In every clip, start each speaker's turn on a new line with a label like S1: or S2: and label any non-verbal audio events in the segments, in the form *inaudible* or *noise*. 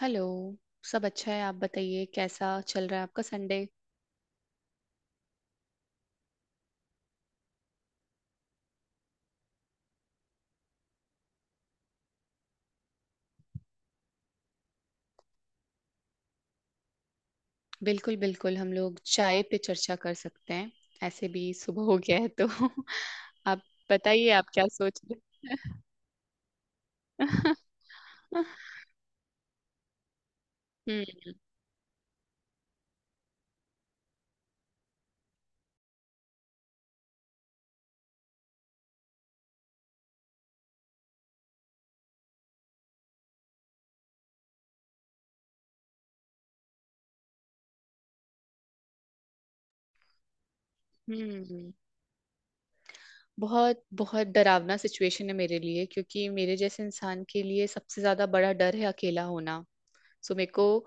S1: Hello. सब अच्छा है। आप बताइए कैसा चल रहा है आपका संडे। बिल्कुल बिल्कुल हम लोग चाय पे चर्चा कर सकते हैं। ऐसे भी सुबह हो गया है तो *laughs* आप बताइए आप क्या सोच रहे हैं। *laughs* हम्म। हम्म बहुत बहुत डरावना सिचुएशन है मेरे लिए क्योंकि मेरे जैसे इंसान के लिए सबसे ज्यादा बड़ा डर है अकेला होना। सो मेरे को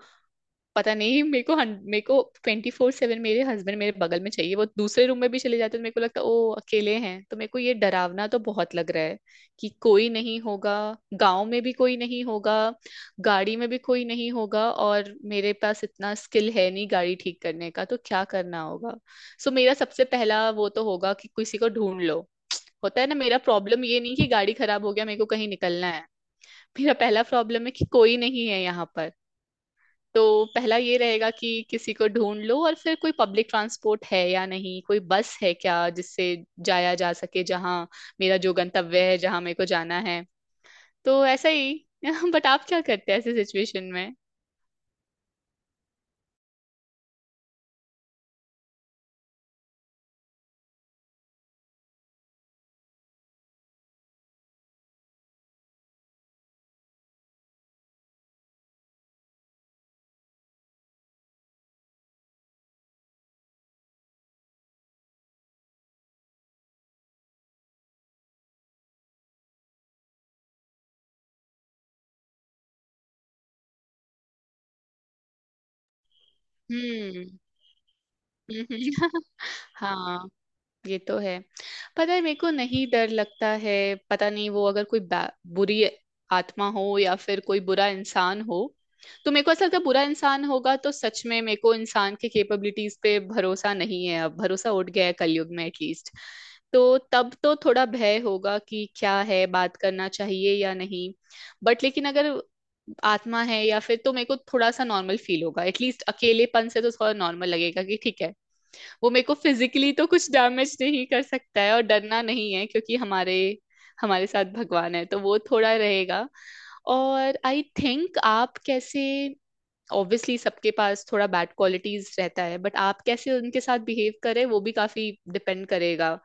S1: पता नहीं, मेरे को 24/7 मेरे हस्बैंड मेरे बगल में चाहिए। वो दूसरे रूम में भी चले जाते हैं तो मेरे को लगता है ओ अकेले हैं, तो मेरे को ये डरावना तो बहुत लग रहा है कि कोई नहीं होगा, गांव में भी कोई नहीं होगा, गाड़ी में भी कोई नहीं होगा और मेरे पास इतना स्किल है नहीं गाड़ी ठीक करने का, तो क्या करना होगा। सो मेरा सबसे पहला वो तो होगा कि किसी को ढूंढ लो। होता है ना, मेरा प्रॉब्लम ये नहीं कि गाड़ी खराब हो गया मेरे को कहीं निकलना है, मेरा पहला प्रॉब्लम है कि कोई नहीं है यहाँ पर। तो पहला ये रहेगा कि किसी को ढूंढ लो, और फिर कोई पब्लिक ट्रांसपोर्ट है या नहीं, कोई बस है क्या जिससे जाया जा सके जहाँ मेरा जो गंतव्य है, जहाँ मेरे को जाना है। तो ऐसा ही। *laughs* बट आप क्या करते हैं ऐसे सिचुएशन में। हम्म। हम्म। *laughs* हाँ। ये तो है। पता है, मेरे को नहीं डर लगता है। पता नहीं वो अगर कोई बुरी आत्मा हो या फिर कोई बुरा इंसान हो, तो मेरे को ऐसा लगता है बुरा इंसान होगा तो सच में मेरे को इंसान के कैपेबिलिटीज पे भरोसा नहीं है, अब भरोसा उठ गया है कलयुग में एटलीस्ट। तो तब तो थोड़ा भय होगा कि क्या है, बात करना चाहिए या नहीं। बट लेकिन अगर आत्मा है या फिर, तो मेरे को थोड़ा सा नॉर्मल फील होगा, एटलीस्ट अकेलेपन से तो थोड़ा नॉर्मल लगेगा कि ठीक है, वो मेरे को फिजिकली तो कुछ डैमेज नहीं कर सकता है और डरना नहीं है क्योंकि हमारे हमारे साथ भगवान है, तो वो थोड़ा रहेगा। और आई थिंक आप कैसे, ऑब्वियसली सबके पास थोड़ा बैड क्वालिटीज रहता है, बट आप कैसे उनके साथ बिहेव करें वो भी काफी डिपेंड करेगा।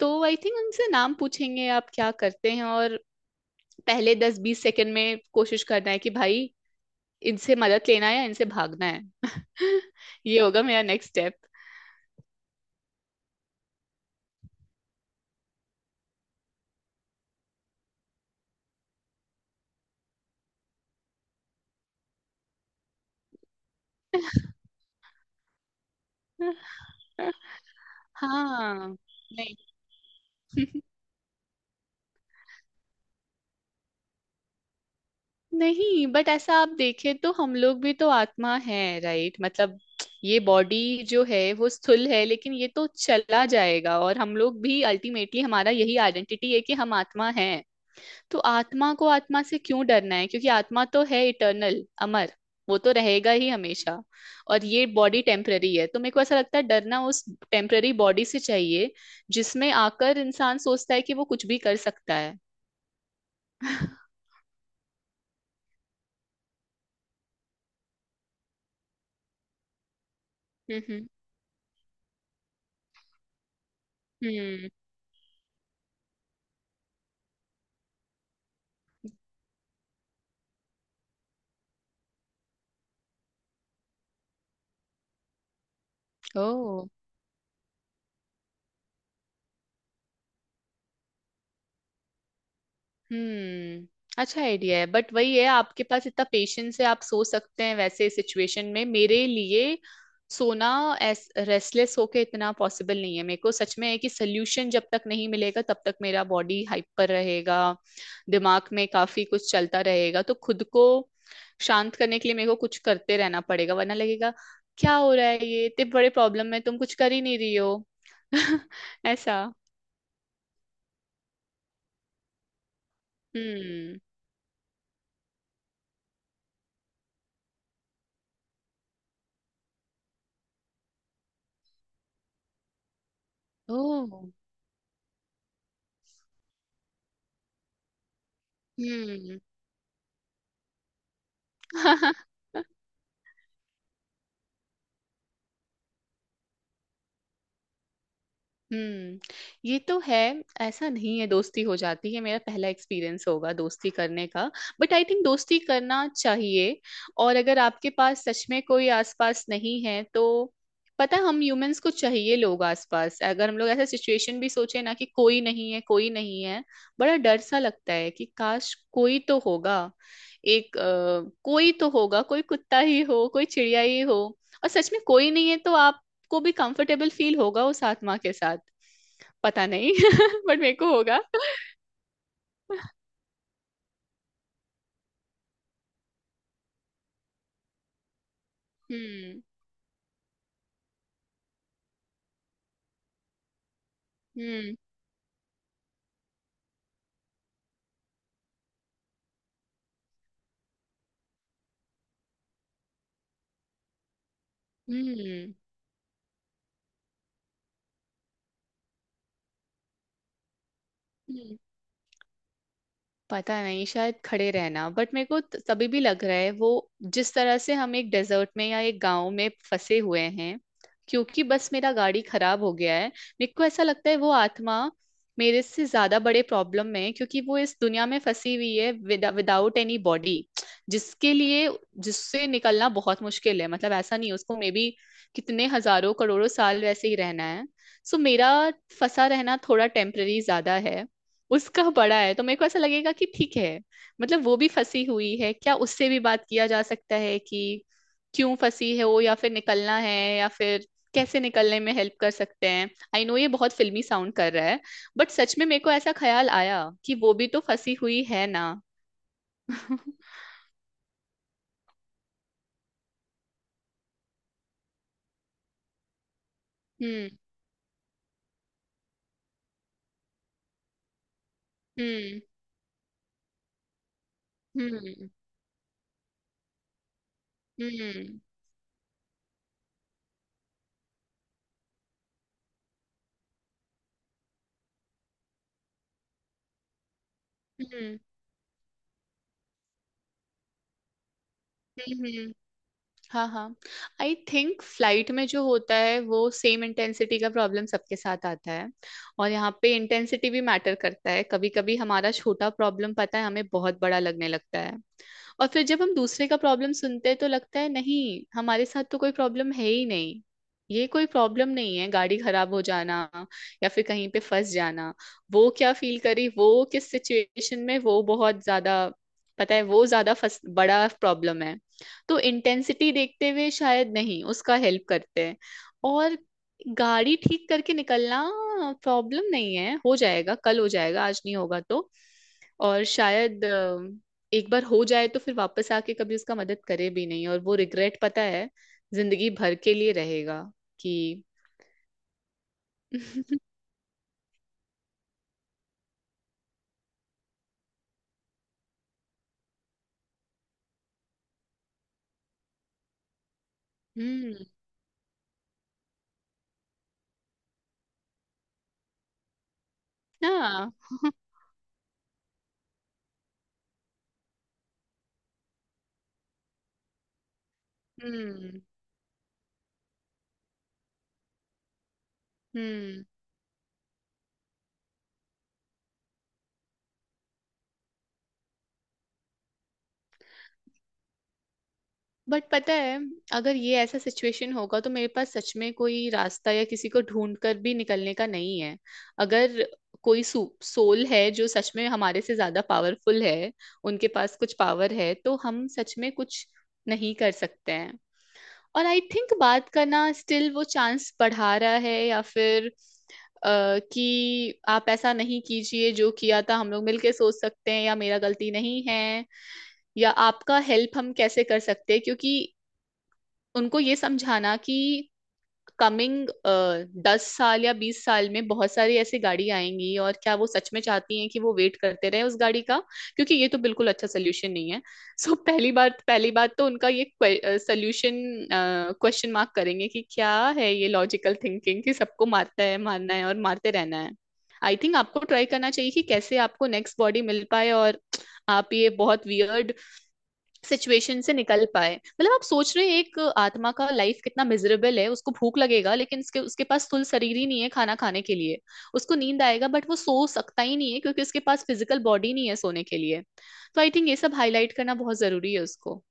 S1: तो आई थिंक उनसे नाम पूछेंगे आप क्या करते हैं, और पहले 10-20 सेकंड में कोशिश करना है कि भाई इनसे मदद लेना है या इनसे भागना है। *laughs* ये होगा मेरा नेक्स्ट स्टेप। *laughs* हाँ। नहीं। *laughs* नहीं, बट ऐसा आप देखें तो हम लोग भी तो आत्मा है राइट, मतलब ये बॉडी जो है वो स्थूल है लेकिन ये तो चला जाएगा, और हम लोग भी अल्टीमेटली हमारा यही आइडेंटिटी है कि हम आत्मा हैं। तो आत्मा को आत्मा से क्यों डरना है क्योंकि आत्मा तो है इटर्नल अमर, वो तो रहेगा ही हमेशा। और ये बॉडी टेम्पररी है, तो मेरे को ऐसा लगता है डरना उस टेम्पररी बॉडी से चाहिए जिसमें आकर इंसान सोचता है कि वो कुछ भी कर सकता है। *laughs* हम्म। हम्म। ओ। हम्म। अच्छा आइडिया है, बट वही है आपके पास इतना पेशेंस है आप सो सकते हैं वैसे सिचुएशन में। मेरे लिए सोना एस रेस्टलेस होके इतना पॉसिबल नहीं है, मेरे को सच में है कि सोल्यूशन जब तक नहीं मिलेगा तब तक मेरा बॉडी हाइपर रहेगा, दिमाग में काफी कुछ चलता रहेगा, तो खुद को शांत करने के लिए मेरे को कुछ करते रहना पड़ेगा वरना लगेगा क्या हो रहा है ये, इतने बड़े प्रॉब्लम में तुम कुछ कर ही नहीं रही हो। *laughs* ऐसा। हम्म। ओ। हम्म। *laughs* हम्म। ये तो है। ऐसा नहीं है दोस्ती हो जाती है, मेरा पहला एक्सपीरियंस होगा दोस्ती करने का, बट आई थिंक दोस्ती करना चाहिए। और अगर आपके पास सच में कोई आसपास नहीं है तो, पता है, हम ह्यूमंस को चाहिए लोग आसपास। अगर हम लोग ऐसा सिचुएशन भी सोचे ना कि कोई नहीं है, कोई नहीं है, बड़ा डर सा लगता है कि काश कोई तो होगा, कोई तो होगा, कोई कुत्ता ही हो, कोई चिड़िया ही हो। और सच में कोई नहीं है तो आप को भी कंफर्टेबल फील होगा उस आत्मा के साथ। पता नहीं, *laughs* बट मेरे को होगा। हम्म। हम्म। हम्म। पता नहीं शायद खड़े रहना, बट मेरे को तभी भी लग रहा है वो, जिस तरह से हम एक डेजर्ट में या एक गांव में फंसे हुए हैं क्योंकि बस मेरा गाड़ी खराब हो गया है, मेरे को ऐसा लगता है वो आत्मा मेरे से ज्यादा बड़े प्रॉब्लम में है क्योंकि वो इस दुनिया में फंसी हुई है विदाउट एनी बॉडी, जिसके लिए जिससे निकलना बहुत मुश्किल है, मतलब ऐसा नहीं है, उसको मे बी कितने हजारों करोड़ों साल वैसे ही रहना है। सो मेरा फंसा रहना थोड़ा टेम्पररी ज्यादा है, उसका बड़ा है, तो मेरे को ऐसा लगेगा कि ठीक है, मतलब वो भी फंसी हुई है क्या, उससे भी बात किया जा सकता है कि क्यों फंसी है वो, या फिर निकलना है, या फिर कैसे निकलने में हेल्प कर सकते हैं। आई नो ये बहुत फिल्मी साउंड कर रहा है, बट सच में मेरे को ऐसा ख्याल आया कि वो भी तो फंसी हुई है ना। *laughs* हम्म। हम्म। हम्म। हम्म। हम्म। हम्म। हम्म। हाँ, हाँ, आई थिंक फ्लाइट में जो होता है वो सेम इंटेंसिटी का प्रॉब्लम सबके साथ आता है और यहाँ पे इंटेंसिटी भी मैटर करता है, कभी कभी हमारा छोटा प्रॉब्लम, पता है, हमें बहुत बड़ा लगने लगता है और फिर जब हम दूसरे का प्रॉब्लम सुनते हैं तो लगता है नहीं, हमारे साथ तो कोई प्रॉब्लम है ही नहीं, ये कोई प्रॉब्लम नहीं है गाड़ी खराब हो जाना या फिर कहीं पे फंस जाना। वो क्या फील करी, वो किस सिचुएशन में, वो बहुत ज्यादा, पता है, वो ज्यादा फंस बड़ा प्रॉब्लम है, तो इंटेंसिटी देखते हुए शायद नहीं उसका हेल्प करते हैं और गाड़ी ठीक करके निकलना प्रॉब्लम नहीं है, हो जाएगा, कल हो जाएगा, आज नहीं होगा तो। और शायद एक बार हो जाए तो फिर वापस आके कभी उसका मदद करे भी नहीं, और वो रिग्रेट, पता है, जिंदगी भर के लिए रहेगा कि। *laughs* हम्म। हाँ। हम्म। हम्म। बट पता है, अगर ये ऐसा सिचुएशन होगा तो मेरे पास सच में कोई रास्ता या किसी को ढूंढ कर भी निकलने का नहीं है, अगर कोई सोल है जो सच में हमारे से ज्यादा पावरफुल है, उनके पास कुछ पावर है तो हम सच में कुछ नहीं कर सकते हैं। और आई थिंक बात करना स्टिल वो चांस बढ़ा रहा है या फिर कि आप ऐसा नहीं कीजिए जो किया था, हम लोग मिलके सोच सकते हैं या मेरा गलती नहीं है या आपका हेल्प हम कैसे कर सकते हैं क्योंकि उनको ये समझाना कि कमिंग 10 साल या 20 साल में बहुत सारी ऐसी गाड़ी आएंगी और क्या वो सच में चाहती हैं कि वो वेट करते रहे उस गाड़ी का, क्योंकि ये तो बिल्कुल अच्छा सोल्यूशन नहीं है। So, पहली बात तो उनका ये सोल्यूशन क्वेश्चन मार्क करेंगे कि क्या है ये लॉजिकल थिंकिंग कि सबको मारता है, मारना है और मारते रहना है। आई थिंक आपको ट्राई करना चाहिए कि कैसे आपको नेक्स्ट बॉडी मिल पाए और आप ये बहुत वियर्ड सिचुएशन से निकल पाए, मतलब आप सोच रहे हैं एक आत्मा का लाइफ कितना मिजरेबल है, उसको भूख लगेगा लेकिन उसके उसके पास स्थूल शरीर ही नहीं है खाना खाने के लिए, उसको नींद आएगा बट वो सो सकता ही नहीं है क्योंकि उसके पास फिजिकल बॉडी नहीं है सोने के लिए। तो आई थिंक ये सब हाईलाइट करना बहुत जरूरी है उसको।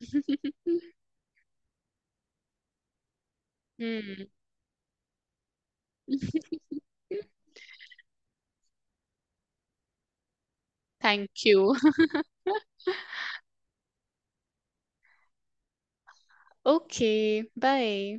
S1: *laughs* हम्म। *laughs* Thank you. ओके। बाय।